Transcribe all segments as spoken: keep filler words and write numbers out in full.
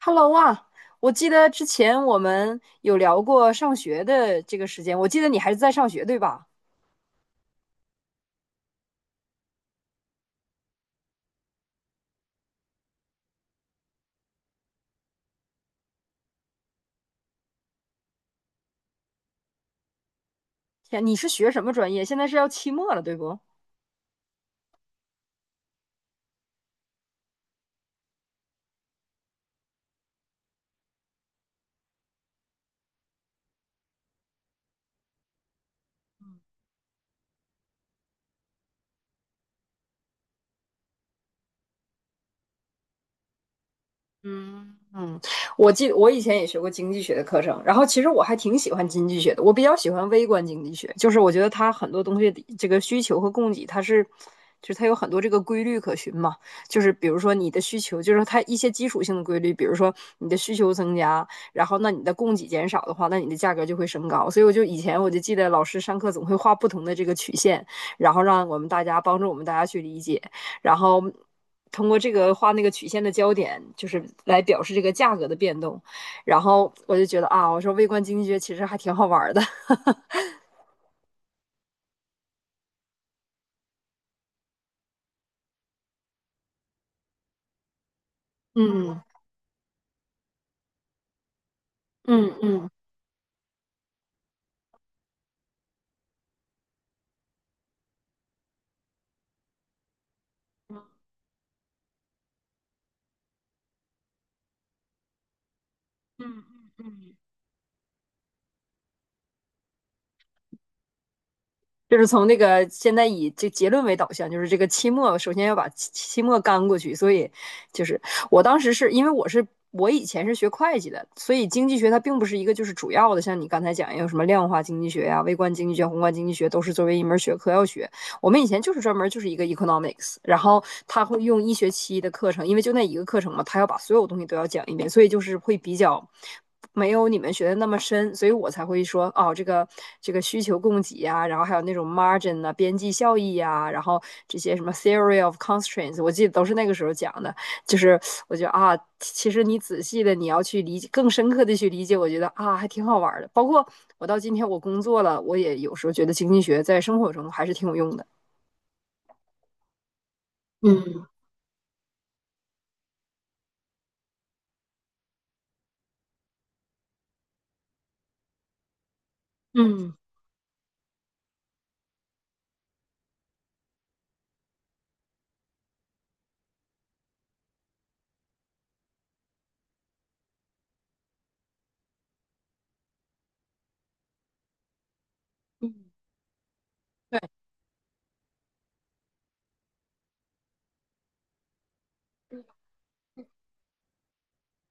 Hello 啊，我记得之前我们有聊过上学的这个时间，我记得你还是在上学，对吧？天，你是学什么专业？现在是要期末了，对不？嗯嗯，我记我以前也学过经济学的课程，然后其实我还挺喜欢经济学的，我比较喜欢微观经济学，就是我觉得它很多东西的这个需求和供给，它是，就是它有很多这个规律可循嘛，就是比如说你的需求，就是它一些基础性的规律，比如说你的需求增加，然后那你的供给减少的话，那你的价格就会升高，所以我就以前我就记得老师上课总会画不同的这个曲线，然后让我们大家帮助我们大家去理解。然后通过这个画那个曲线的焦点，就是来表示这个价格的变动。然后我就觉得啊，我说微观经济学其实还挺好玩的。嗯嗯嗯，就是从那个现在以这结论为导向，就是这个期末首先要把期期末干过去。所以就是我当时是因为我是。我以前是学会计的，所以经济学它并不是一个就是主要的，像你刚才讲有什么量化经济学呀、啊微观经济学、宏观经济学都是作为一门学科要学。我们以前就是专门就是一个 economics，然后他会用一学期的课程，因为就那一个课程嘛，他要把所有东西都要讲一遍，所以就是会比较没有你们学的那么深，所以我才会说哦，这个这个需求供给呀、然后还有那种 margin 啊、边际效益呀、然后这些什么 theory of constraints，我记得都是那个时候讲的，就是我觉得啊，其实你仔细的你要去理解，更深刻的去理解，我觉得啊还挺好玩的。包括我到今天我工作了，我也有时候觉得经济学在生活中还是挺有用的。嗯嗯嗯，对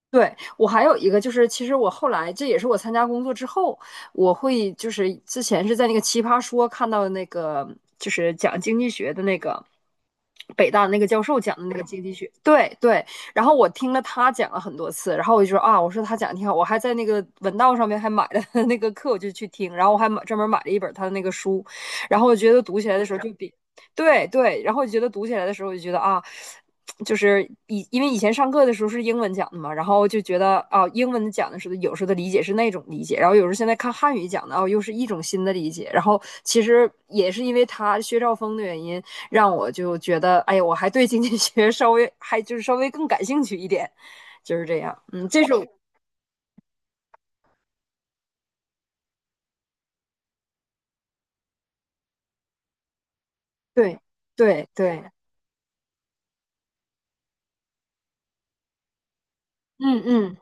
对，我还有一个就是，其实我后来这也是我参加工作之后，我会就是之前是在那个《奇葩说》看到的那个就是讲经济学的那个北大那个教授讲的那个经济学，对对，然后我听了他讲了很多次，然后我就说啊，我说他讲的挺好，我还在那个文道上面还买了 他的那个课，我就去听，然后我还买专门买了一本他的那个书，然后我觉得读起来的时候就比对对，然后我就觉得读起来的时候我就觉得啊，就是以因为以前上课的时候是英文讲的嘛，然后就觉得啊，英文讲的时候有时候的理解是那种理解，然后有时候现在看汉语讲的哦，又是一种新的理解。然后其实也是因为他薛兆丰的原因，让我就觉得哎呀，我还对经济学稍微还就是稍微更感兴趣一点，就是这样。嗯，这是我对对对，嗯嗯，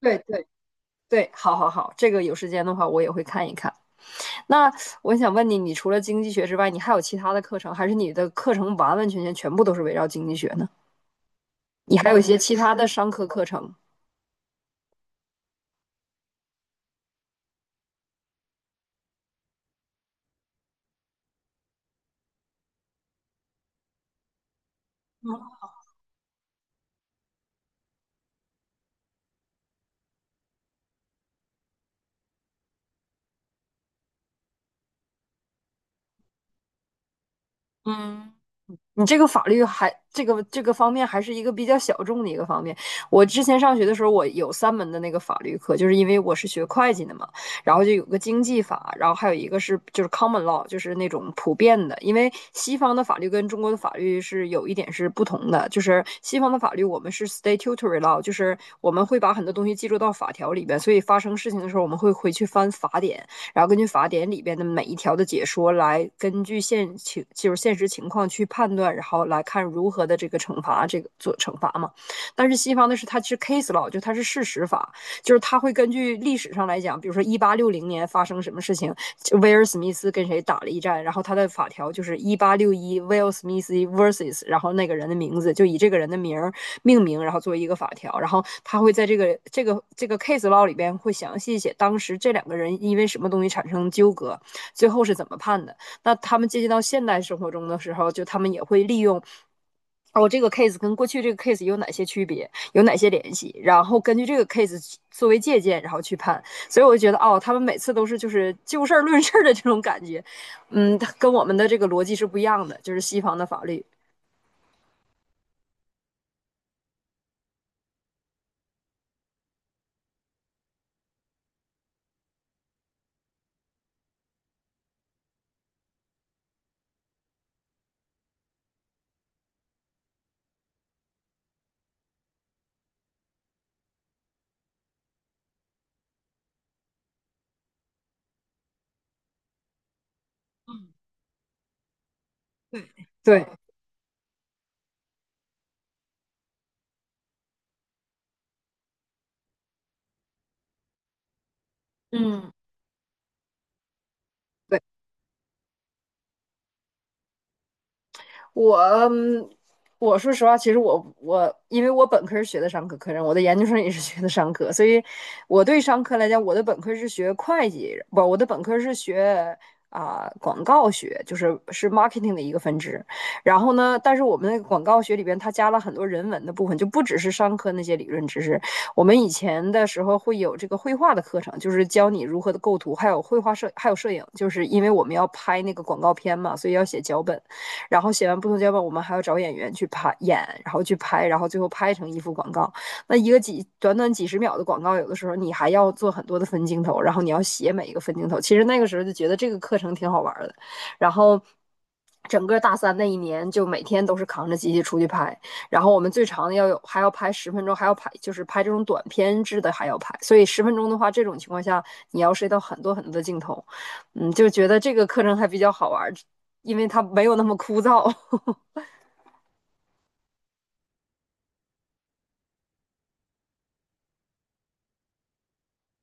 对对对，好好好，这个有时间的话我也会看一看。那我想问你，你除了经济学之外，你还有其他的课程，还是你的课程完完全全全部都是围绕经济学呢？你还有一些其他的商科课程？嗯你这个法律还这个这个方面还是一个比较小众的一个方面。我之前上学的时候，我有三门的那个法律课，就是因为我是学会计的嘛，然后就有个经济法，然后还有一个是就是 common law，就是那种普遍的。因为西方的法律跟中国的法律是有一点是不同的，就是西方的法律我们是 statutory law，就是我们会把很多东西记录到法条里边，所以发生事情的时候我们会回去翻法典。然后根据法典里边的每一条的解说来，根据现情就是现实情况去判断，然后来看如何的这个惩罚这个做惩罚嘛。但是西方的是它是 case law，就它是事实法，就是它会根据历史上来讲，比如说一八六零年发生什么事情，威尔史密斯跟谁打了一战，然后他的法条就是一八六一威尔·史密斯 versus，然后那个人的名字就以这个人的名命名，然后作为一个法条，然后他会在这个这个这个 case law 里边会详细写当时这两个人因为什么东西产生纠葛，最后是怎么判的。那他们接近到现代生活中的时候，就他们也会利用。哦，这个 case 跟过去这个 case 有哪些区别，有哪些联系？然后根据这个 case 作为借鉴，然后去判。所以我就觉得哦，他们每次都是就是就事儿论事儿的这种感觉，嗯，跟我们的这个逻辑是不一样的，就是西方的法律。对，嗯，对，我嗯我说实话，其实我我因为我本科是学的商科课程，我的研究生也是学的商科，所以我对商科来讲，我的本科是学会计，不，我的本科是学啊、广告学，就是是 marketing 的一个分支。然后呢，但是我们那个广告学里边，它加了很多人文的部分，就不只是商科那些理论知识。我们以前的时候会有这个绘画的课程，就是教你如何的构图，还有绘画摄，还有摄影，就是因为我们要拍那个广告片嘛，所以要写脚本。然后写完不同脚本，我们还要找演员去拍演，然后去拍，然后最后拍成一幅广告。那一个几短短几十秒的广告，有的时候你还要做很多的分镜头，然后你要写每一个分镜头。其实那个时候就觉得这个课程挺好玩的，然后。整个大三那一年，就每天都是扛着机器出去拍，然后我们最长的要有还要拍十分钟，还要拍就是拍这种短片制的还要拍，所以十分钟的话，这种情况下你要涉及到很多很多的镜头，嗯，就觉得这个课程还比较好玩，因为它没有那么枯燥。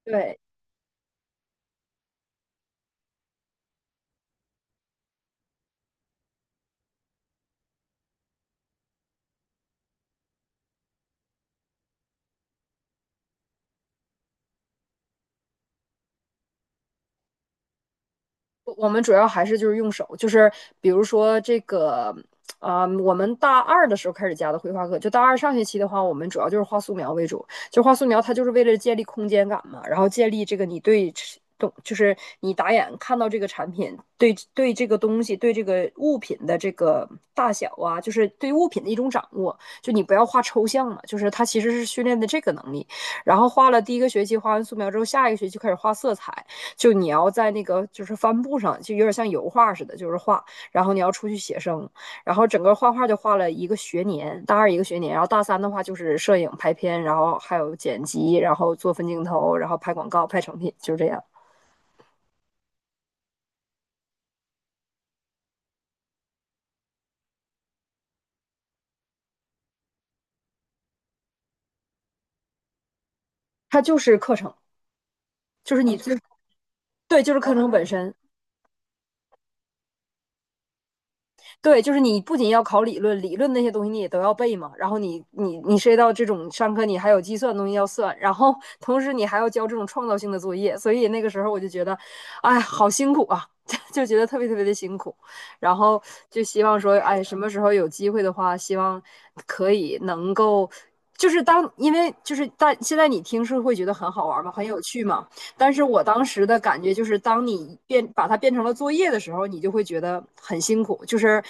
对，我我们主要还是就是用手，就是比如说这个，啊、我们大二的时候开始加的绘画课，就大二上学期的话，我们主要就是画素描为主，就画素描它就是为了建立空间感嘛，然后建立这个你对懂，就是你打眼看到这个产品，对对这个东西，对这个物品的这个大小啊，就是对物品的一种掌握，就你不要画抽象嘛，就是它其实是训练的这个能力，然后画了第一个学期，画完素描之后，下一个学期开始画色彩。就你要在那个就是帆布上，就有点像油画似的，就是画，然后你要出去写生，然后整个画画就画了一个学年，大二一个学年，然后大三的话就是摄影、拍片，然后还有剪辑，然后做分镜头，然后拍广告、拍成品，就这样。它就是课程，就是你最对，就是课程本身。对，就是你不仅要考理论，理论那些东西你也都要背嘛。然后你你你涉及到这种上课，你还有计算东西要算，然后同时你还要交这种创造性的作业，所以那个时候我就觉得，哎，好辛苦啊，就觉得特别特别的辛苦。然后就希望说，哎，什么时候有机会的话，希望可以能够，就是当因为就是大现在你听是会觉得很好玩嘛，很有趣嘛。但是我当时的感觉就是，当你变把它变成了作业的时候，你就会觉得很辛苦，就是。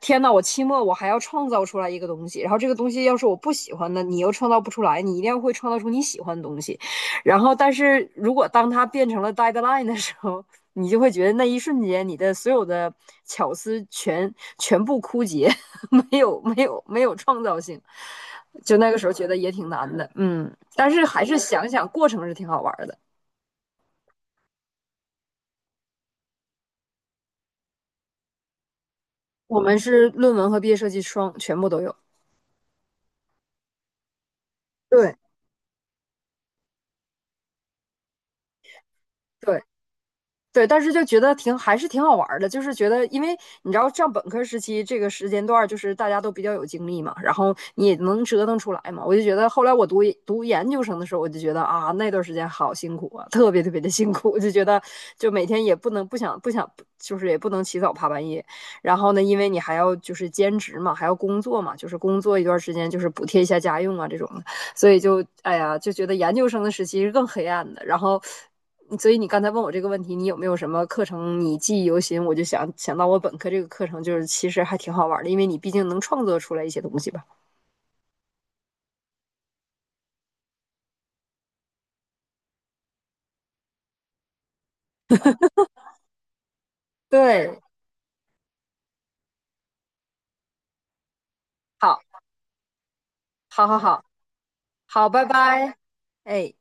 天呐，我期末我还要创造出来一个东西，然后这个东西要是我不喜欢的，你又创造不出来，你一定要会创造出你喜欢的东西。然后，但是如果当它变成了 deadline 的时候，你就会觉得那一瞬间你的所有的巧思全全部枯竭，没有没有没有创造性。就那个时候觉得也挺难的，嗯，但是还是想想过程是挺好玩的。我们是论文和毕业设计双全部都有。对，对对，但是就觉得挺还是挺好玩儿的，就是觉得，因为你知道上本科时期这个时间段儿，就是大家都比较有精力嘛，然后你也能折腾出来嘛。我就觉得后来我读读研究生的时候，我就觉得啊，那段时间好辛苦啊，特别特别的辛苦，我就觉得就每天也不能不想不想，就是也不能起早爬半夜。然后呢，因为你还要就是兼职嘛，还要工作嘛，就是工作一段时间就是补贴一下家用啊这种的。所以就哎呀，就觉得研究生的时期是更黑暗的。然后，所以你刚才问我这个问题，你有没有什么课程你记忆犹新？我就想想到我本科这个课程，就是其实还挺好玩的，因为你毕竟能创作出来一些东西吧。对，好，好，好，好，好，拜拜，哎。